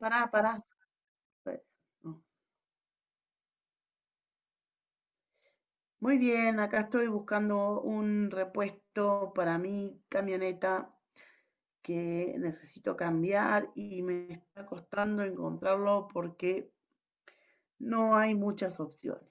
Pará, pará. No. Muy bien, acá estoy buscando un repuesto para mi camioneta que necesito cambiar y me está costando encontrarlo porque no hay muchas opciones.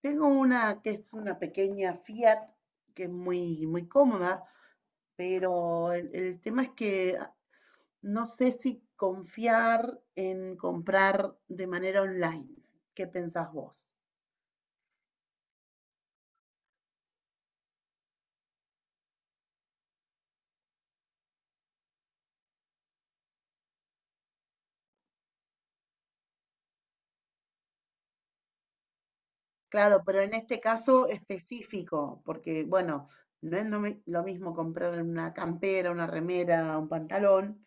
Tengo una que es una pequeña Fiat que es muy, muy cómoda, pero el tema es que no sé si confiar en comprar de manera online. ¿Qué pensás vos? Claro, pero en este caso específico, porque bueno, no es lo mismo comprar una campera, una remera, un pantalón,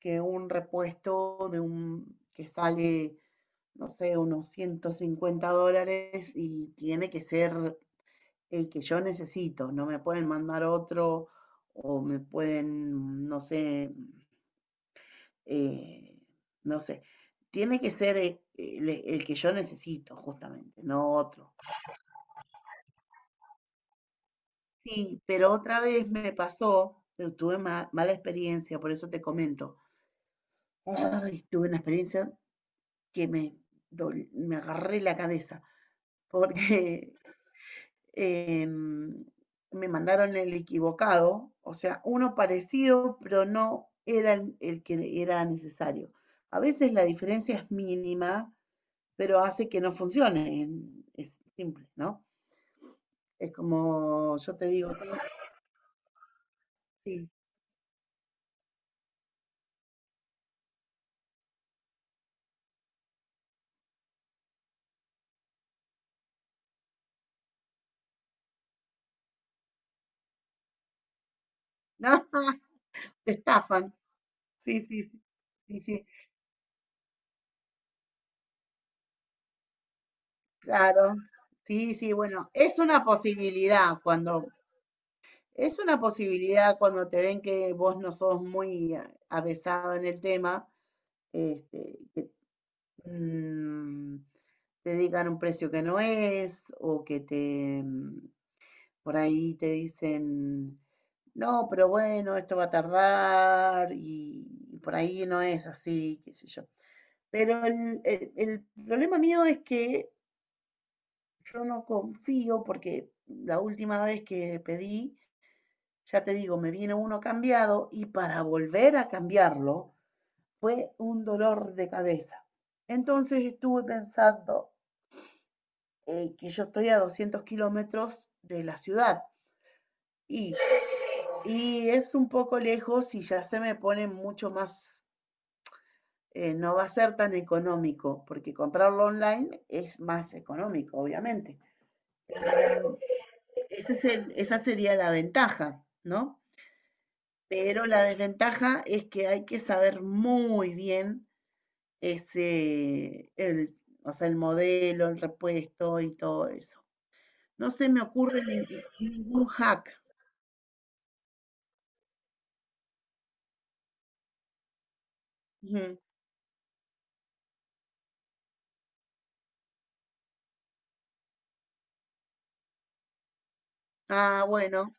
que un repuesto de un que sale, no sé, unos $150 y tiene que ser el que yo necesito. No me pueden mandar otro o me pueden, no sé, eh, no sé. Tiene que ser el que yo necesito, justamente, no otro. Sí, pero otra vez me pasó, tuve mala experiencia, por eso te comento. Ay, tuve una experiencia que me, me agarré la cabeza, porque em, me mandaron el equivocado, o sea, uno parecido, pero no era el que era necesario. A veces la diferencia es mínima, pero hace que no funcione. Es simple, ¿no? Es como yo te digo, tengo- sí, no, te estafan. Sí, sí, sí, sí, sí, claro. Sí, sí, bueno, es una posibilidad cuando te ven que vos no sos muy avesado en el tema, este, que mm, te digan un precio que no es, o que te, por ahí te dicen, no, pero bueno, esto va a tardar, y por ahí no es así, qué sé yo. Pero el problema mío es que yo no confío porque la última vez que pedí, ya te digo, me viene uno cambiado y para volver a cambiarlo fue un dolor de cabeza. Entonces estuve pensando que yo estoy a 200 kilómetros de la ciudad y, y es un poco lejos y ya se me pone mucho más, no va a ser tan económico porque comprarlo online es más económico, obviamente. Esa sería la ventaja, ¿no? Pero la desventaja es que hay que saber muy bien el, o sea, el modelo, el repuesto y todo eso. No se me ocurre ningún hack. Ujú. Ah, bueno.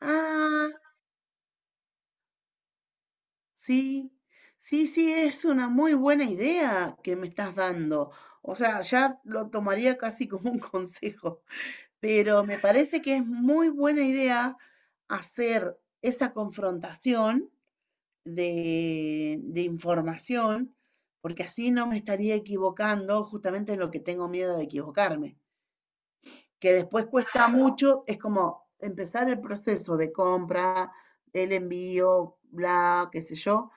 Ah, sí. Sí, sí, es una muy buena idea que me estás dando. O sea, ya lo tomaría casi como un consejo, pero me parece que es muy buena idea hacer esa confrontación de información, porque así no me estaría equivocando justamente en lo que tengo miedo de equivocarme, que después cuesta mucho, es como empezar el proceso de compra, el envío, bla, qué sé yo,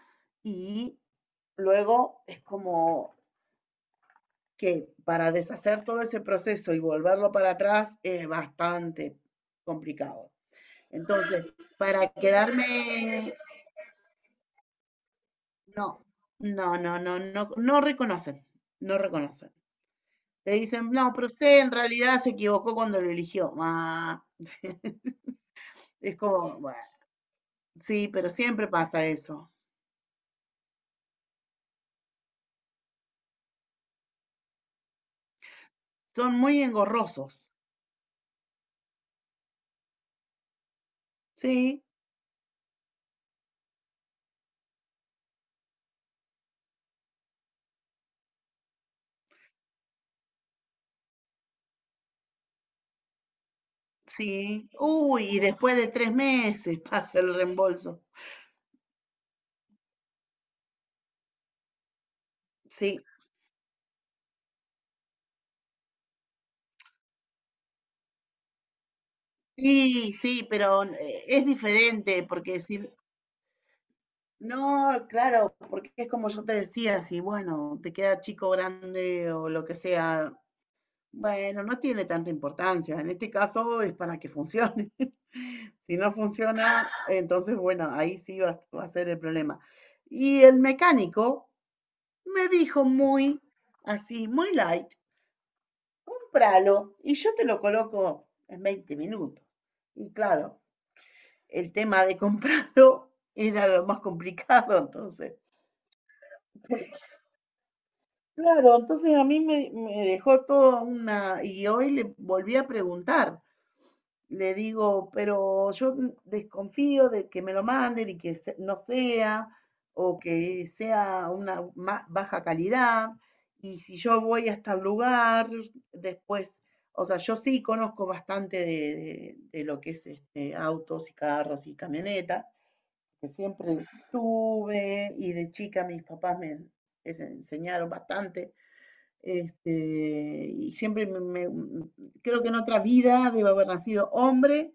y luego es como que para deshacer todo ese proceso y volverlo para atrás es bastante complicado. Entonces, para quedarme no, no, no, no, no, no reconocen, no reconocen. Te dicen, no, pero usted en realidad se equivocó cuando lo eligió. Ah, es como, bueno, sí, pero siempre pasa eso. Son muy engorrosos. Sí, sí. Uy, y después de 3 meses pasa el reembolso. Sí, sí, sí, pero es diferente porque decir, no, claro, porque es como yo te decía, si bueno, te queda chico, grande o lo que sea, bueno, no tiene tanta importancia. En este caso es para que funcione. Si no funciona, entonces, bueno, ahí sí va a ser el problema. Y el mecánico me dijo muy así, muy light, cómpralo y yo te lo coloco en 20 minutos. Y claro, el tema de comprarlo era lo más complicado, entonces. Claro, entonces a mí me dejó toda una... Y hoy le volví a preguntar. Le digo, pero yo desconfío de que me lo manden y que no sea, o que sea una baja calidad. Y si yo voy hasta el lugar, después, o sea, yo sí conozco bastante de, de lo que es este, autos y carros y camionetas, que siempre tuve y de chica mis papás me enseñaron bastante. Este, y siempre creo que en otra vida debo haber nacido hombre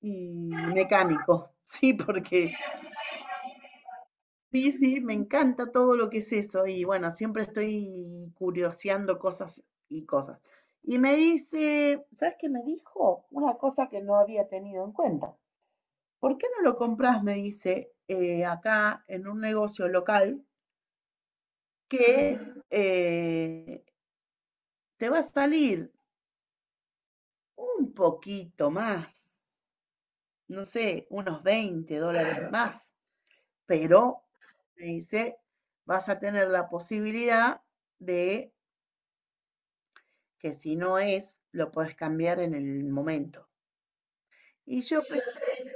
y mecánico, sí, porque sí, sí, me encanta todo lo que es eso y bueno, siempre estoy curioseando cosas y cosas. Y me dice, ¿sabes qué me dijo? Una cosa que no había tenido en cuenta. ¿Por qué no lo compras? Me dice, acá en un negocio local que eh, te va a salir un poquito más, no sé, unos $20 más, pero me dice, vas a tener la posibilidad de que si no es, lo puedes cambiar en el momento. Y yo pensé,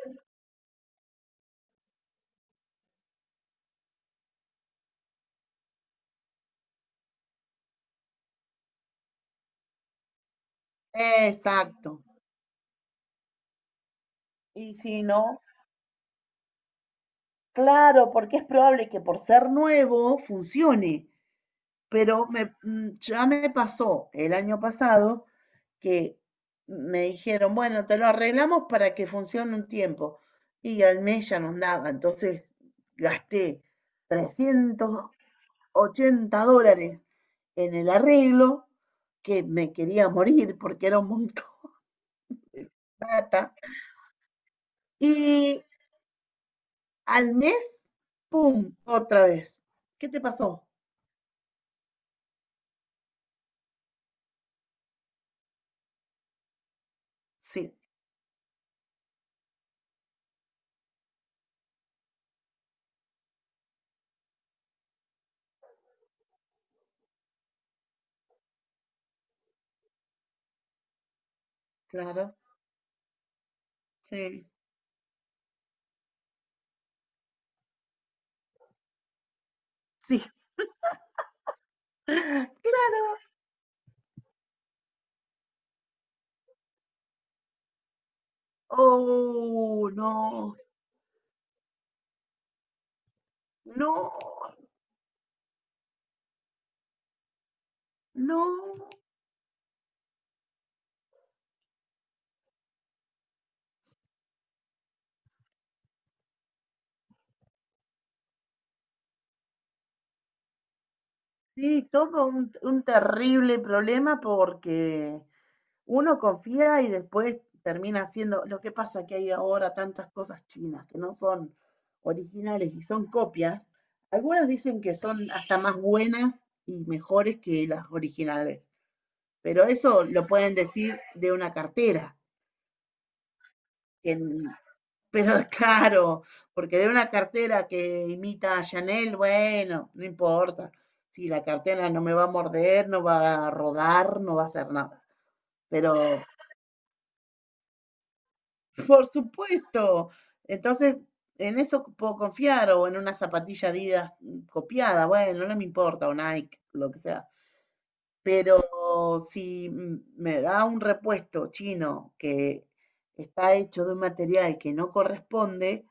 exacto. Y si no, claro, porque es probable que por ser nuevo funcione, pero ya me pasó el año pasado que me dijeron, bueno, te lo arreglamos para que funcione un tiempo. Y al mes ya no andaba, entonces gasté trescientos dollars en el arreglo, que me quería morir porque era un montón de plata. Y al mes, ¡pum! Otra vez. ¿Qué te pasó? Sí, claro. Sí, sí. Claro. Oh, no, no, no. Sí, todo un terrible problema porque uno confía y después termina haciendo. Lo que pasa que hay ahora tantas cosas chinas que no son originales y son copias. Algunas dicen que son hasta más buenas y mejores que las originales. Pero eso lo pueden decir de una cartera. que n- pero claro, porque de una cartera que imita a Chanel, bueno, no importa. Si la cartera no me va a morder, no va a rodar, no va a hacer nada. Pero por supuesto. Entonces, en eso puedo confiar o en una zapatilla Adidas copiada, bueno, no me importa, o Nike, lo que sea. Pero si me da un repuesto chino que está hecho de un material que no corresponde,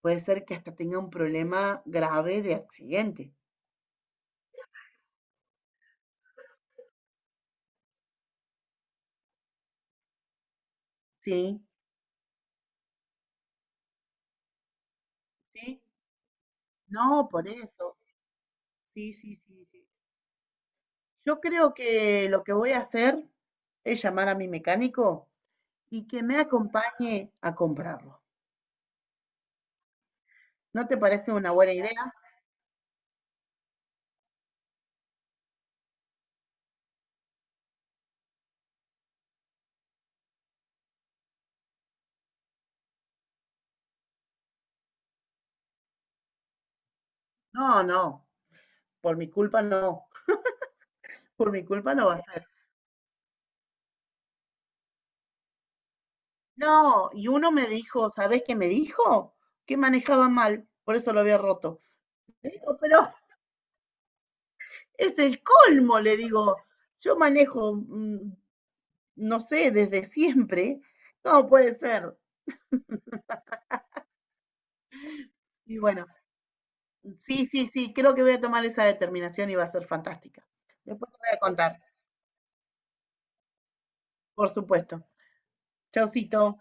puede ser que hasta tenga un problema grave de accidente. Sí, sí. No, por eso. Sí, sí, sí, sí. Yo creo que lo que voy a hacer es llamar a mi mecánico y que me acompañe a comprarlo. ¿No te parece una buena idea? No, no, por mi culpa no, por mi culpa no va a ser. No, y uno me dijo, ¿sabés qué me dijo? Que manejaba mal, por eso lo había roto. Digo, pero es el colmo, le digo. Yo manejo, no sé, desde siempre. No puede ser. Y bueno, sí, sí, sí, creo que voy a tomar esa determinación y va a ser fantástica. Después te voy a contar, por supuesto. Chaucito.